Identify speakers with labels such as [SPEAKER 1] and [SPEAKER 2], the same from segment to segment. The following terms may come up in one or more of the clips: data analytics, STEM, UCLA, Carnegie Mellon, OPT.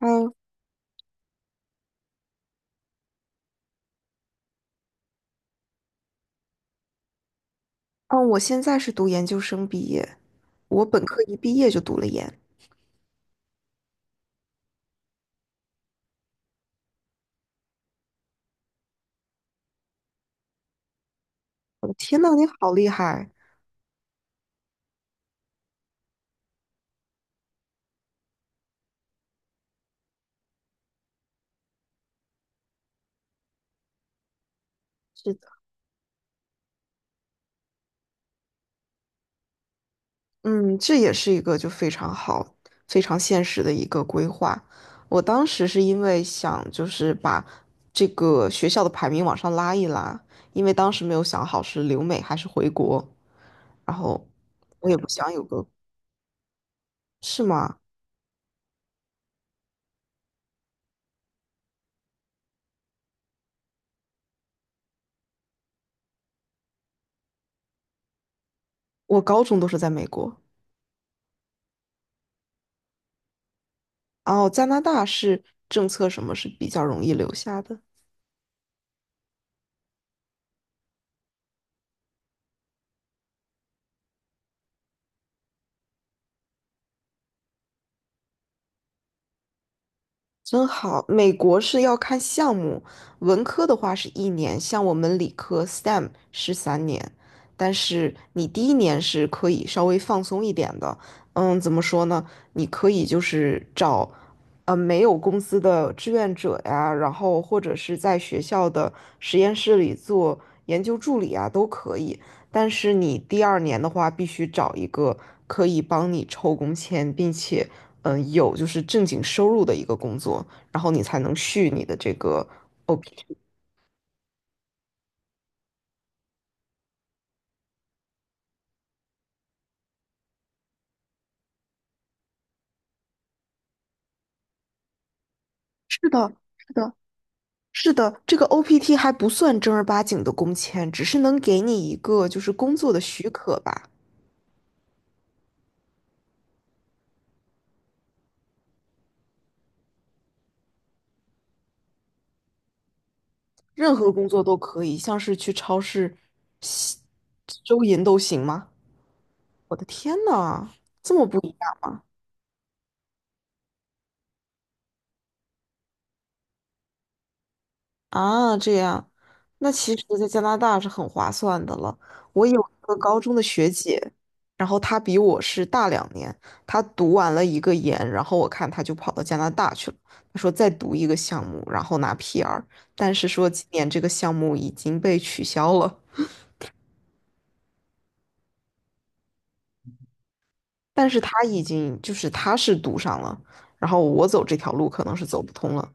[SPEAKER 1] 嗯嗯，我现在是读研究生毕业，我本科一毕业就读了研。我的天呐，你好厉害！是的，嗯，这也是一个就非常好、非常现实的一个规划。我当时是因为想就是把这个学校的排名往上拉一拉，因为当时没有想好是留美还是回国，然后我也不想有个，是吗？我高中都是在美国，然后加拿大是政策什么是比较容易留下的。真好，美国是要看项目，文科的话是一年，像我们理科 STEM 是3年，但是你第一年是可以稍微放松一点的，怎么说呢？你可以就是找，没有公司的志愿者呀，然后或者是在学校的实验室里做研究助理啊，都可以。但是你第二年的话，必须找一个可以帮你抽工签，并且。有就是正经收入的一个工作，然后你才能续你的这个 OPT。是的，是的，是的，这个 OPT 还不算正儿八经的工签，只是能给你一个就是工作的许可吧，任何工作都可以，像是去超市吸收银都行吗？我的天呐，这么不一样。啊，这样，那其实，在加拿大是很划算的了。我有一个高中的学姐，然后她比我是大2年，她读完了一个研，然后我看她就跑到加拿大去了。她说再读一个项目，然后拿 PR,但是说今年这个项目已经被取消了。但是她已经就是她是读上了，然后我走这条路可能是走不通了。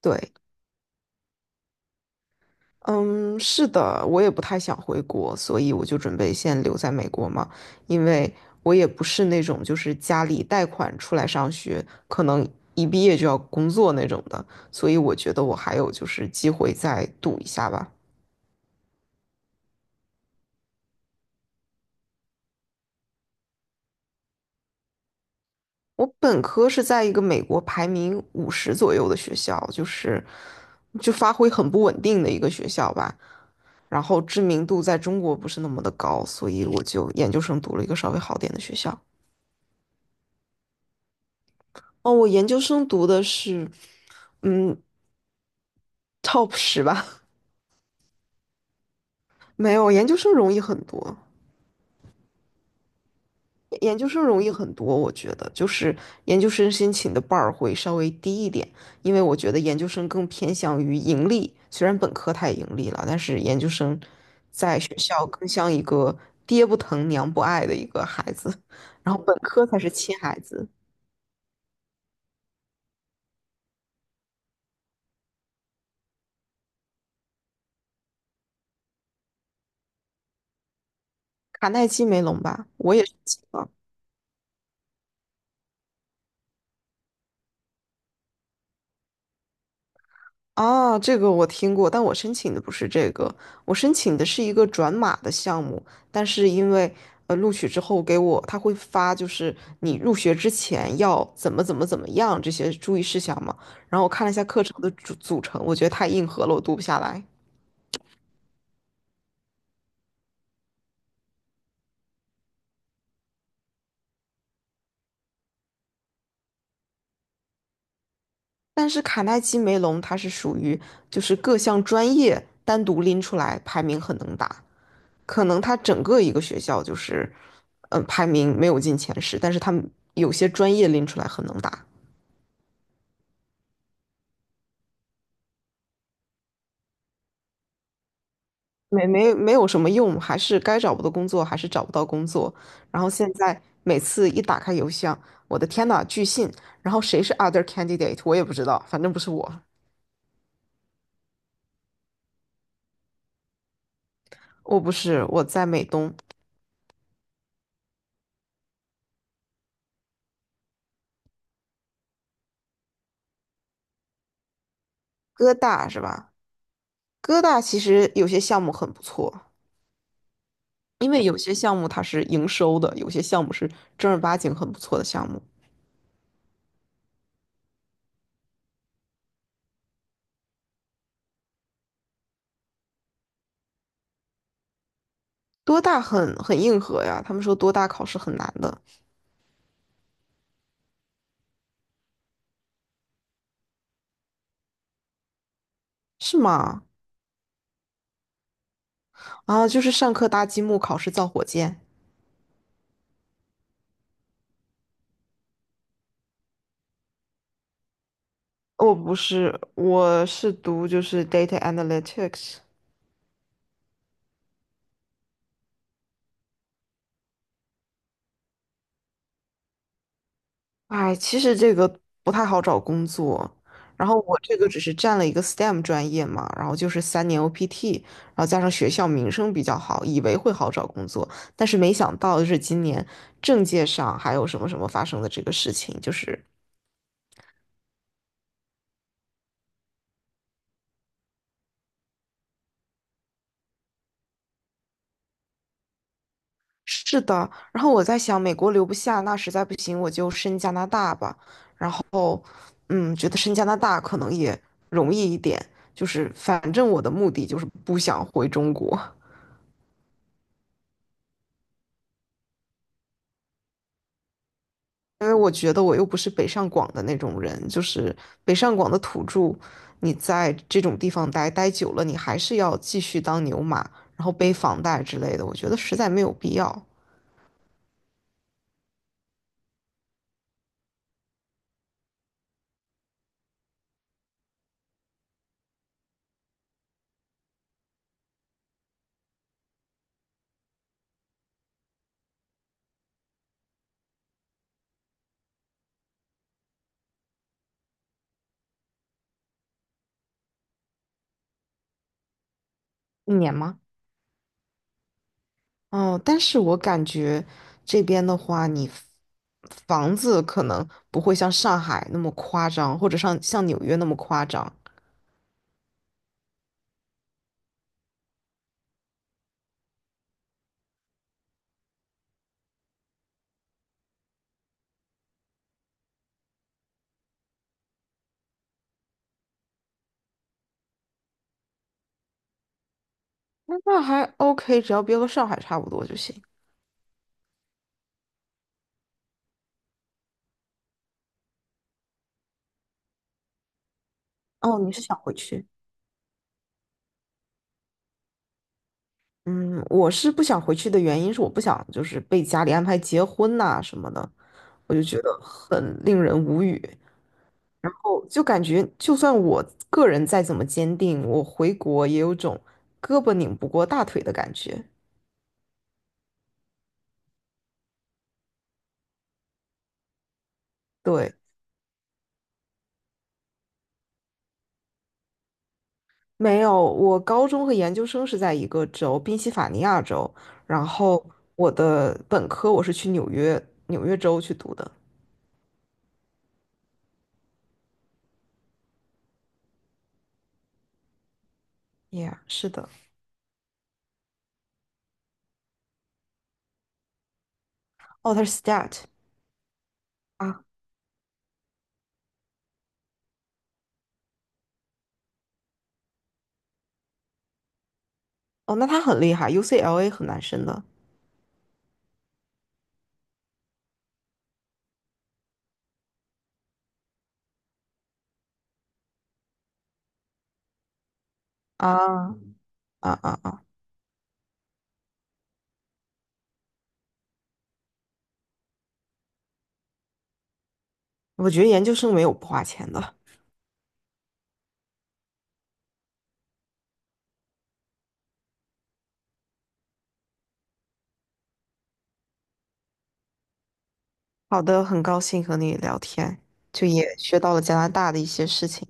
[SPEAKER 1] 对，嗯，是的，我也不太想回国，所以我就准备先留在美国嘛，因为我也不是那种就是家里贷款出来上学，可能一毕业就要工作那种的，所以我觉得我还有就是机会再赌一下吧。我本科是在一个美国排名50左右的学校，就是就发挥很不稳定的一个学校吧，然后知名度在中国不是那么的高，所以我就研究生读了一个稍微好点的学校。哦，我研究生读的是，嗯，top 10吧，没有，研究生容易很多，研究生容易很多，我觉得就是研究生申请的 bar 会稍微低一点，因为我觉得研究生更偏向于盈利，虽然本科它也盈利了，但是研究生在学校更像一个爹不疼娘不爱的一个孩子，然后本科才是亲孩子，卡耐基梅隆吧，我也是亲啊啊，这个我听过，但我申请的不是这个，我申请的是一个转码的项目，但是因为录取之后给我他会发，就是你入学之前要怎么怎么怎么样这些注意事项嘛，然后我看了一下课程的组成，我觉得太硬核了，我读不下来。但是卡耐基梅隆它是属于就是各项专业单独拎出来排名很能打，可能它整个一个学校就是，排名没有进前十，但是他们有些专业拎出来很能打。没有什么用，还是该找不到工作，还是找不到工作。然后现在每次一打开邮箱，我的天呐，拒信！然后谁是 other candidate,我也不知道，反正不是我，我不是，我在美东，哥大是吧？哥大其实有些项目很不错，因为有些项目它是营收的，有些项目是正儿八经很不错的项目。多大很硬核呀，他们说多大考试很难的，是吗？啊，就是上课搭积木，考试造火箭。我不是，我是读就是 data analytics。哎，其实这个不太好找工作。然后我这个只是占了一个 STEM 专业嘛，然后就是三年 OPT,然后加上学校名声比较好，以为会好找工作，但是没想到就是今年政界上还有什么什么发生的这个事情，就是是的，然后我在想，美国留不下，那实在不行我就申加拿大吧。然后，觉得申加拿大可能也容易一点，就是反正我的目的就是不想回中国，因为我觉得我又不是北上广的那种人，就是北上广的土著，你在这种地方待久了，你还是要继续当牛马，然后背房贷之类的，我觉得实在没有必要。一年吗？哦，但是我感觉这边的话，你房子可能不会像上海那么夸张，或者像纽约那么夸张。那还 OK,只要别和上海差不多就行。哦，你是想回去？嗯，我是不想回去的原因是我不想就是被家里安排结婚呐、什么的，我就觉得很令人无语。然后就感觉，就算我个人再怎么坚定，我回国也有种胳膊拧不过大腿的感觉。对。没有，我高中和研究生是在一个州，宾夕法尼亚州，然后我的本科我是去纽约，纽约州去读的。Yeah,是的。哦，他是 STAT 啊，哦，那他很厉害，UCLA 很难申的啊啊啊啊！我觉得研究生没有不花钱的。好的，很高兴和你聊天，就也学到了加拿大的一些事情。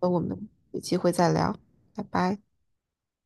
[SPEAKER 1] 那我们有机会再聊，拜拜。